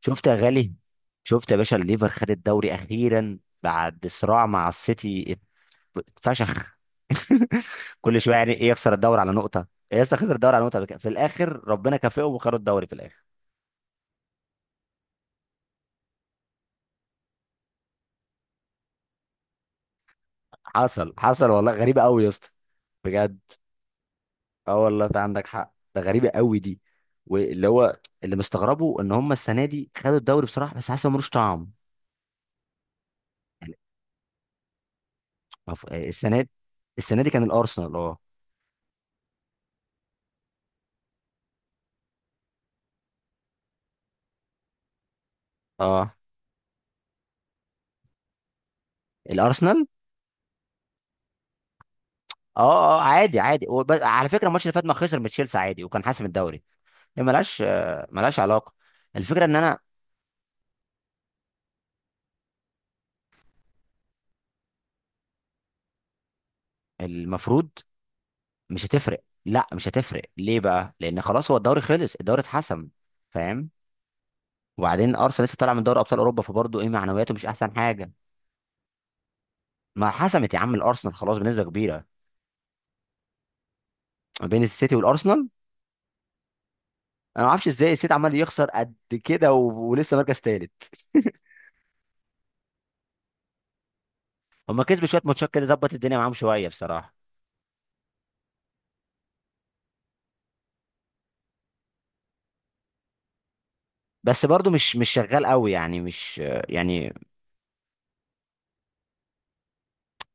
شفت يا غالي شفت يا باشا الليفر خد الدوري اخيرا بعد صراع مع السيتي اتفشخ. كل شويه يعني ايه يخسر الدوري على نقطه؟ ايه لسه خسر الدوري على نقطه قبل كده. في الاخر ربنا كافئهم وخدوا الدوري في الاخر. حصل، والله غريبه قوي يا اسطى، بجد. اه والله، في عندك حق، ده غريبه قوي دي. واللي هو اللي مستغربه ان هم السنه دي خدوا الدوري بصراحه، بس حاسس إن ملوش طعم. يعني السنه دي. السنه دي كان الارسنال اه اه الارسنال. اه اه عادي عادي على فكره الماتش اللي فات ما خسر من تشيلسي عادي وكان حاسم الدوري. هي ملهاش علاقه. الفكره ان انا المفروض مش هتفرق لا، مش هتفرق. ليه بقى؟ لان خلاص هو الدوري خلص، الدوري اتحسم، فاهم. وبعدين ارسنال لسه طالع من دوري ابطال اوروبا، فبرضه ايه معنوياته مش احسن حاجه. ما حسمت يا عم، الارسنال خلاص بنسبه كبيره، ما بين السيتي والارسنال. انا ما اعرفش ازاي السيتي عمال يخسر قد كده، ولسه مركز تالت. هما كسبوا شويه ماتشات كده ظبط الدنيا معاهم شويه بصراحه، بس برضو مش شغال قوي، يعني مش يعني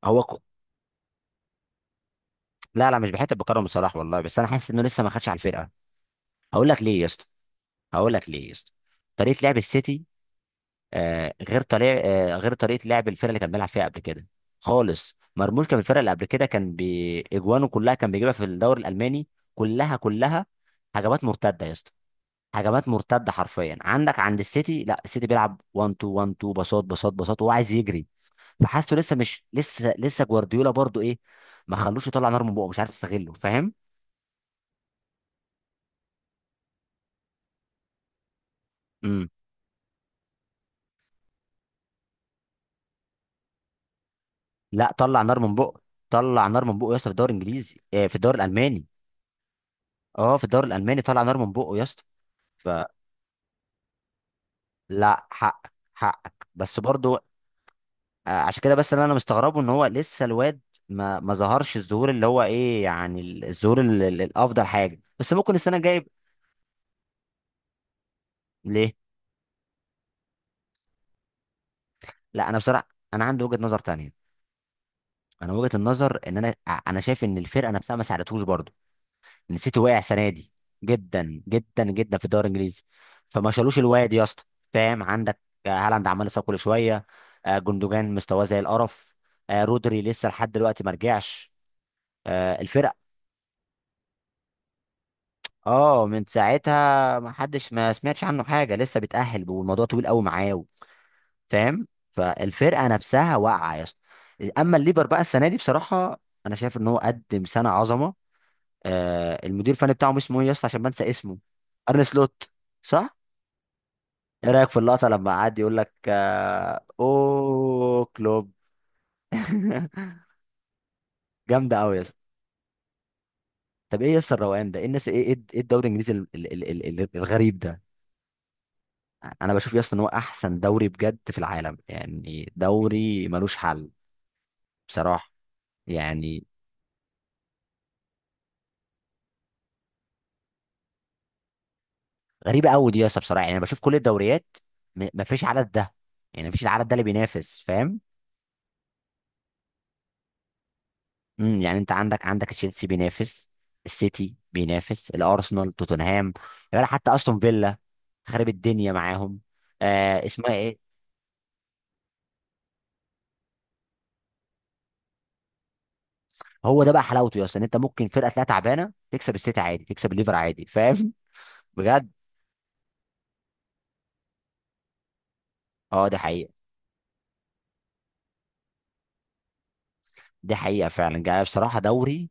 هو ك... لا لا، مش بحته بكرم صلاح والله، بس انا حاسس انه لسه ما خدش على الفرقه. هقول لك ليه يا اسطى. هقول لك ليه يا اسطى طريقه لعب السيتي، آه غير طريقه غير طريقه لعب الفرقه اللي كان بيلعب فيها قبل كده خالص. مرموش كان في الفرقه اللي قبل كده كان باجوانه كلها، كان بيجيبها في الدوري الالماني، كلها كلها. هجمات مرتده يا اسطى، هجمات مرتده حرفيا. عندك عند السيتي، لا، السيتي بيلعب 1 2 1 2، باصات باصات باصات، وهو عايز يجري. فحاسه لسه مش لسه لسه جوارديولا برضو ايه، ما خلوش يطلع نار من بقه، مش عارف يستغله، فاهم. امم، لا طلع نار من بقه، طلع نار من بقه يا اسطى في الدوري الالماني. اه في الدوري الالماني طلع نار من بقه يا اسطى. فلا، حقك حقك، بس برضو عشان كده، بس اللي انا مستغربه ان هو لسه الواد ما ظهرش الظهور اللي هو ايه، يعني الظهور الافضل حاجه، بس ممكن السنه الجايه. ليه؟ لا انا بصراحه انا عندي وجهه نظر تانية. انا وجهه النظر ان انا انا شايف ان الفرقه نفسها ما ساعدتهوش برضو. السيتي واقع السنه دي جدا جدا جدا في الدوري الانجليزي، فما شالوش الواد يا اسطى، فاهم. عندك هالاند عمال يصاب كل شويه، جندوجان مستواه زي القرف، رودري لسه لحد دلوقتي ما رجعش، الفرق. اه من ساعتها ما حدش، ما سمعتش عنه حاجه، لسه بيتاهل والموضوع طويل قوي معاه، فاهم. فالفرقه نفسها واقعه يا اسطى. اما الليفر بقى السنه دي بصراحه انا شايف ان هو قدم سنه عظمه. المدير الفني بتاعهم اسمه ايه يا اسطى عشان بنسى اسمه؟ ارن سلوت، صح. ايه رايك في اللقطه لما قعد يقول لك اوه كلوب؟ جامده قوي يا اسطى. طب ايه يا اسطى الروقان ده؟ ايه الناس؟ ايه ايه إيه الدوري الانجليزي الغريب ده؟ انا بشوف يا اسطى ان هو احسن دوري بجد في العالم، يعني دوري ملوش حل بصراحه. يعني غريبه قوي دي يا اسطى، بصراحه يعني انا بشوف كل الدوريات، مفيش عدد ده، يعني مفيش العدد ده اللي بينافس، فاهم. امم، يعني انت عندك تشيلسي بينافس، السيتي بينافس، الارسنال، توتنهام، ولا حتى استون فيلا، خرب الدنيا معاهم. آه اسمها ايه. هو ده بقى حلاوته يا اسطى، ان انت ممكن فرقه تلاقيها تعبانه تكسب السيتي عادي، تكسب الليفر عادي، فاهم. بجد. اه دي حقيقه. دي حقيقه فعلا، جاي بصراحه دوري.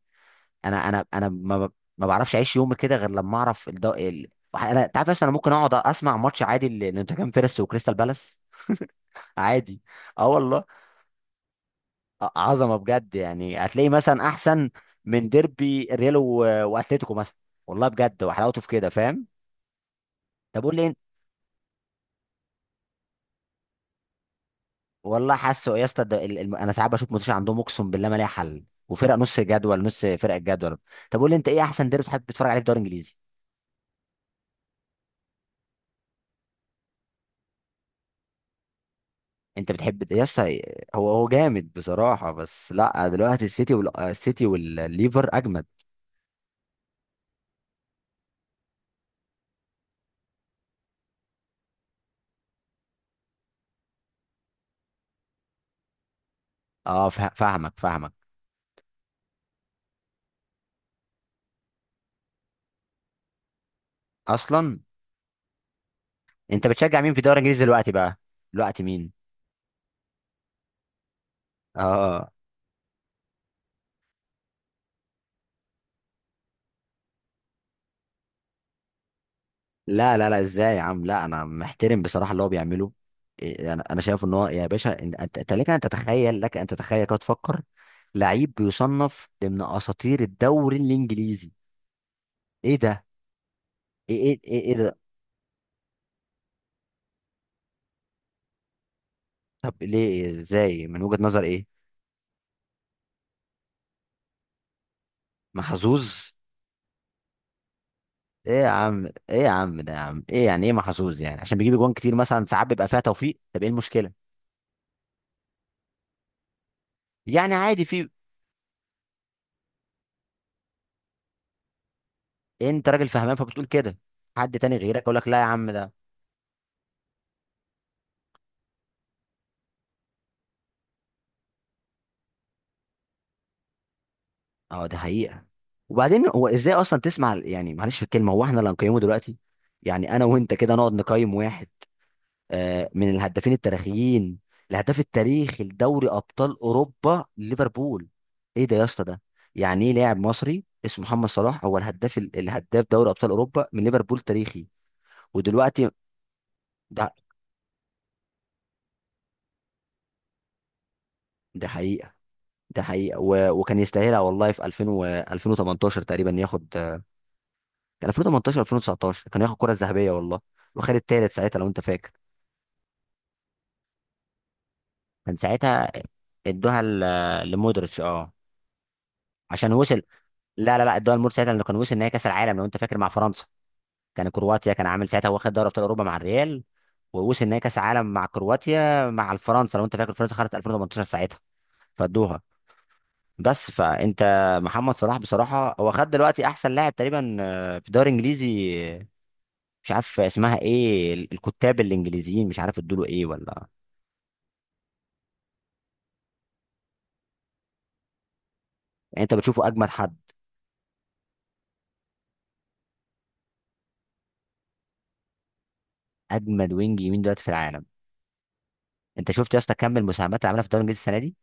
انا ما بعرفش اعيش يومي كده غير لما اعرف انت عارف اصلا انا ممكن اقعد اسمع ماتش عادي لنوتنجهام فيرست وكريستال بالاس. عادي. اه والله. عظمه بجد، يعني هتلاقي مثلا احسن من ديربي ريال واتليتيكو مثلا. والله بجد، وحلاوته في كده، فاهم. طب قول لي انت. والله حاسه يا اسطى ده انا ساعات بشوف ماتش عندهم اقسم بالله ما ليها حل، وفرق نص جدول، نص فرق الجدول. طب قول لي انت، ايه احسن ديربي بتحب تتفرج عليه في الدوري الانجليزي؟ انت بتحب يا اسطى. هو هو جامد بصراحه، بس لا دلوقتي السيتي، والسيتي والليفر اجمد. اه، فاهمك فاهمك. اصلا انت بتشجع مين في الدوري الانجليزي دلوقتي بقى؟ دلوقتي مين؟ اه، لا لا لا ازاي يا عم، لا انا محترم بصراحه اللي هو بيعمله. انا انا شايف ان هو يا باشا انت أنت لك ان تتخيل، لك ان تتخيل كده تفكر. لعيب بيصنف ضمن اساطير الدوري الانجليزي. ايه ده، إيه ده. طب ليه؟ ازاي؟ من وجهه نظر ايه؟ محظوظ؟ ايه يا عم، ايه يا عم ده، يا عم ايه يعني ايه محظوظ؟ يعني عشان بيجيب جوان كتير مثلا ساعات بيبقى فيها توفيق؟ طب ايه المشكله يعني؟ عادي في. انت راجل فهمان فبتقول كده، حد تاني غيرك يقول لك لا يا عم ده. اه دي حقيقة. وبعدين هو ازاي اصلا تسمع يعني معلش في الكلمة، هو احنا اللي هنقيمه دلوقتي؟ يعني انا وانت كده نقعد نقيم واحد من الهدافين التاريخيين، الهداف التاريخي لدوري ابطال اوروبا ليفربول. ايه ده يا اسطى ده؟ يعني ايه لاعب مصري اسمه محمد صلاح هو الهداف الهداف دوري ابطال اوروبا من ليفربول تاريخي؟ ودلوقتي ده. ده حقيقة، ده حقيقة، وكان يستاهلها والله في 2000 2018 تقريبا ياخد. كان 2018 2019 كان ياخد الكره الذهبيه والله، وخد التالت ساعتها لو انت فاكر. كان ساعتها ادوها لمودريتش، اه، عشان وصل. لا لا لا ادوها لمودريتش ساعتها لانه كان وصل نهائي كاس العالم لو انت فاكر مع فرنسا، كان كرواتيا كان عامل ساعتها واخد دوري ابطال اوروبا مع الريال، ووصل نهائي كاس عالم مع كرواتيا مع الفرنسا لو انت فاكر. فرنسا خدت 2018 ساعتها، فادوها. بس فانت، محمد صلاح بصراحه هو خد دلوقتي احسن لاعب تقريبا في الدوري الانجليزي. مش عارف اسمها ايه الكتاب الانجليزيين مش عارف ادوله ايه ولا. يعني انت بتشوفه اجمد حد؟ اجمد وينج يمين دلوقتي في العالم. انت شفت يا اسطى كم المساهمات اللي عملها في الدوري الانجليزي السنه دي؟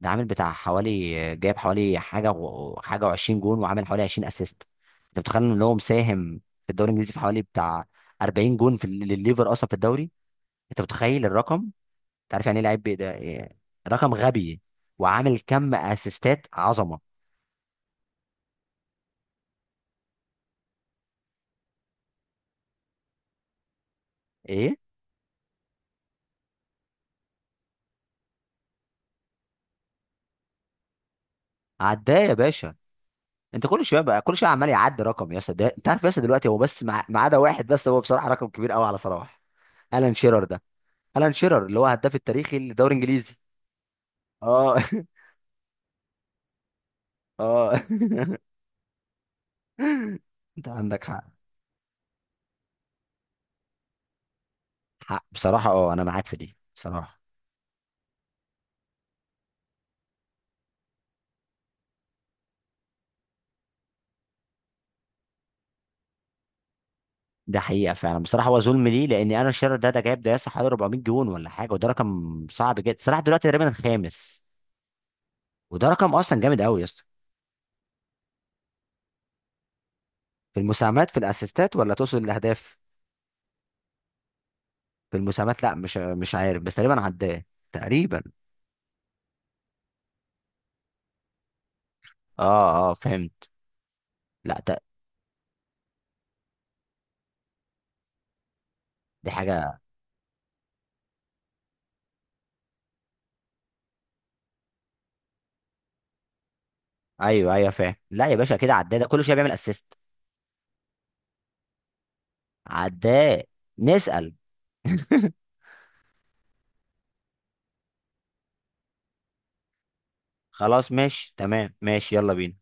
ده عامل بتاع حوالي، جايب حوالي حاجه حاجه و20 جون، وعامل حوالي 20 اسيست. انت متخيل ان هو مساهم في الدوري الانجليزي في حوالي بتاع 40 جون في للليفر اصلا في الدوري. انت متخيل الرقم؟ انت عارف يعني ايه لعيب ده إيه؟ رقم غبي. وعامل كم اسيستات عظمه. ايه، عداه يا باشا، انت كل شويه عمال يعدي رقم يا اسطى ده، انت عارف يا اسطى دلوقتي هو بس ما عدا واحد بس، هو بصراحه رقم كبير قوي على صلاح. الان شيرر ده، الان شيرر اللي هو هداف التاريخي للدوري الانجليزي. اه اه انت عندك حق. بصراحه اه انا معاك في دي بصراحه. ده حقيقه فعلا بصراحه، هو ظلم ليه، لان انا شيرر ده ده جايب ده يا اسطى حوالي 400 جون ولا حاجه، وده رقم صعب جدا. صلاح دلوقتي تقريبا الخامس، وده رقم اصلا جامد قوي يا اسطى. في المساهمات، في الاسيستات ولا تقصد الاهداف؟ في المساهمات، لا مش عارف بس تقريبا عداه، تقريبا. اه اه فهمت. لا ت- دي حاجه. ايوه ايوه فاهم، لا يا باشا كده عداه، ده كل شويه بيعمل اسيست. عداء. نسأل. خلاص ماشي تمام، ماشي، يلا بينا.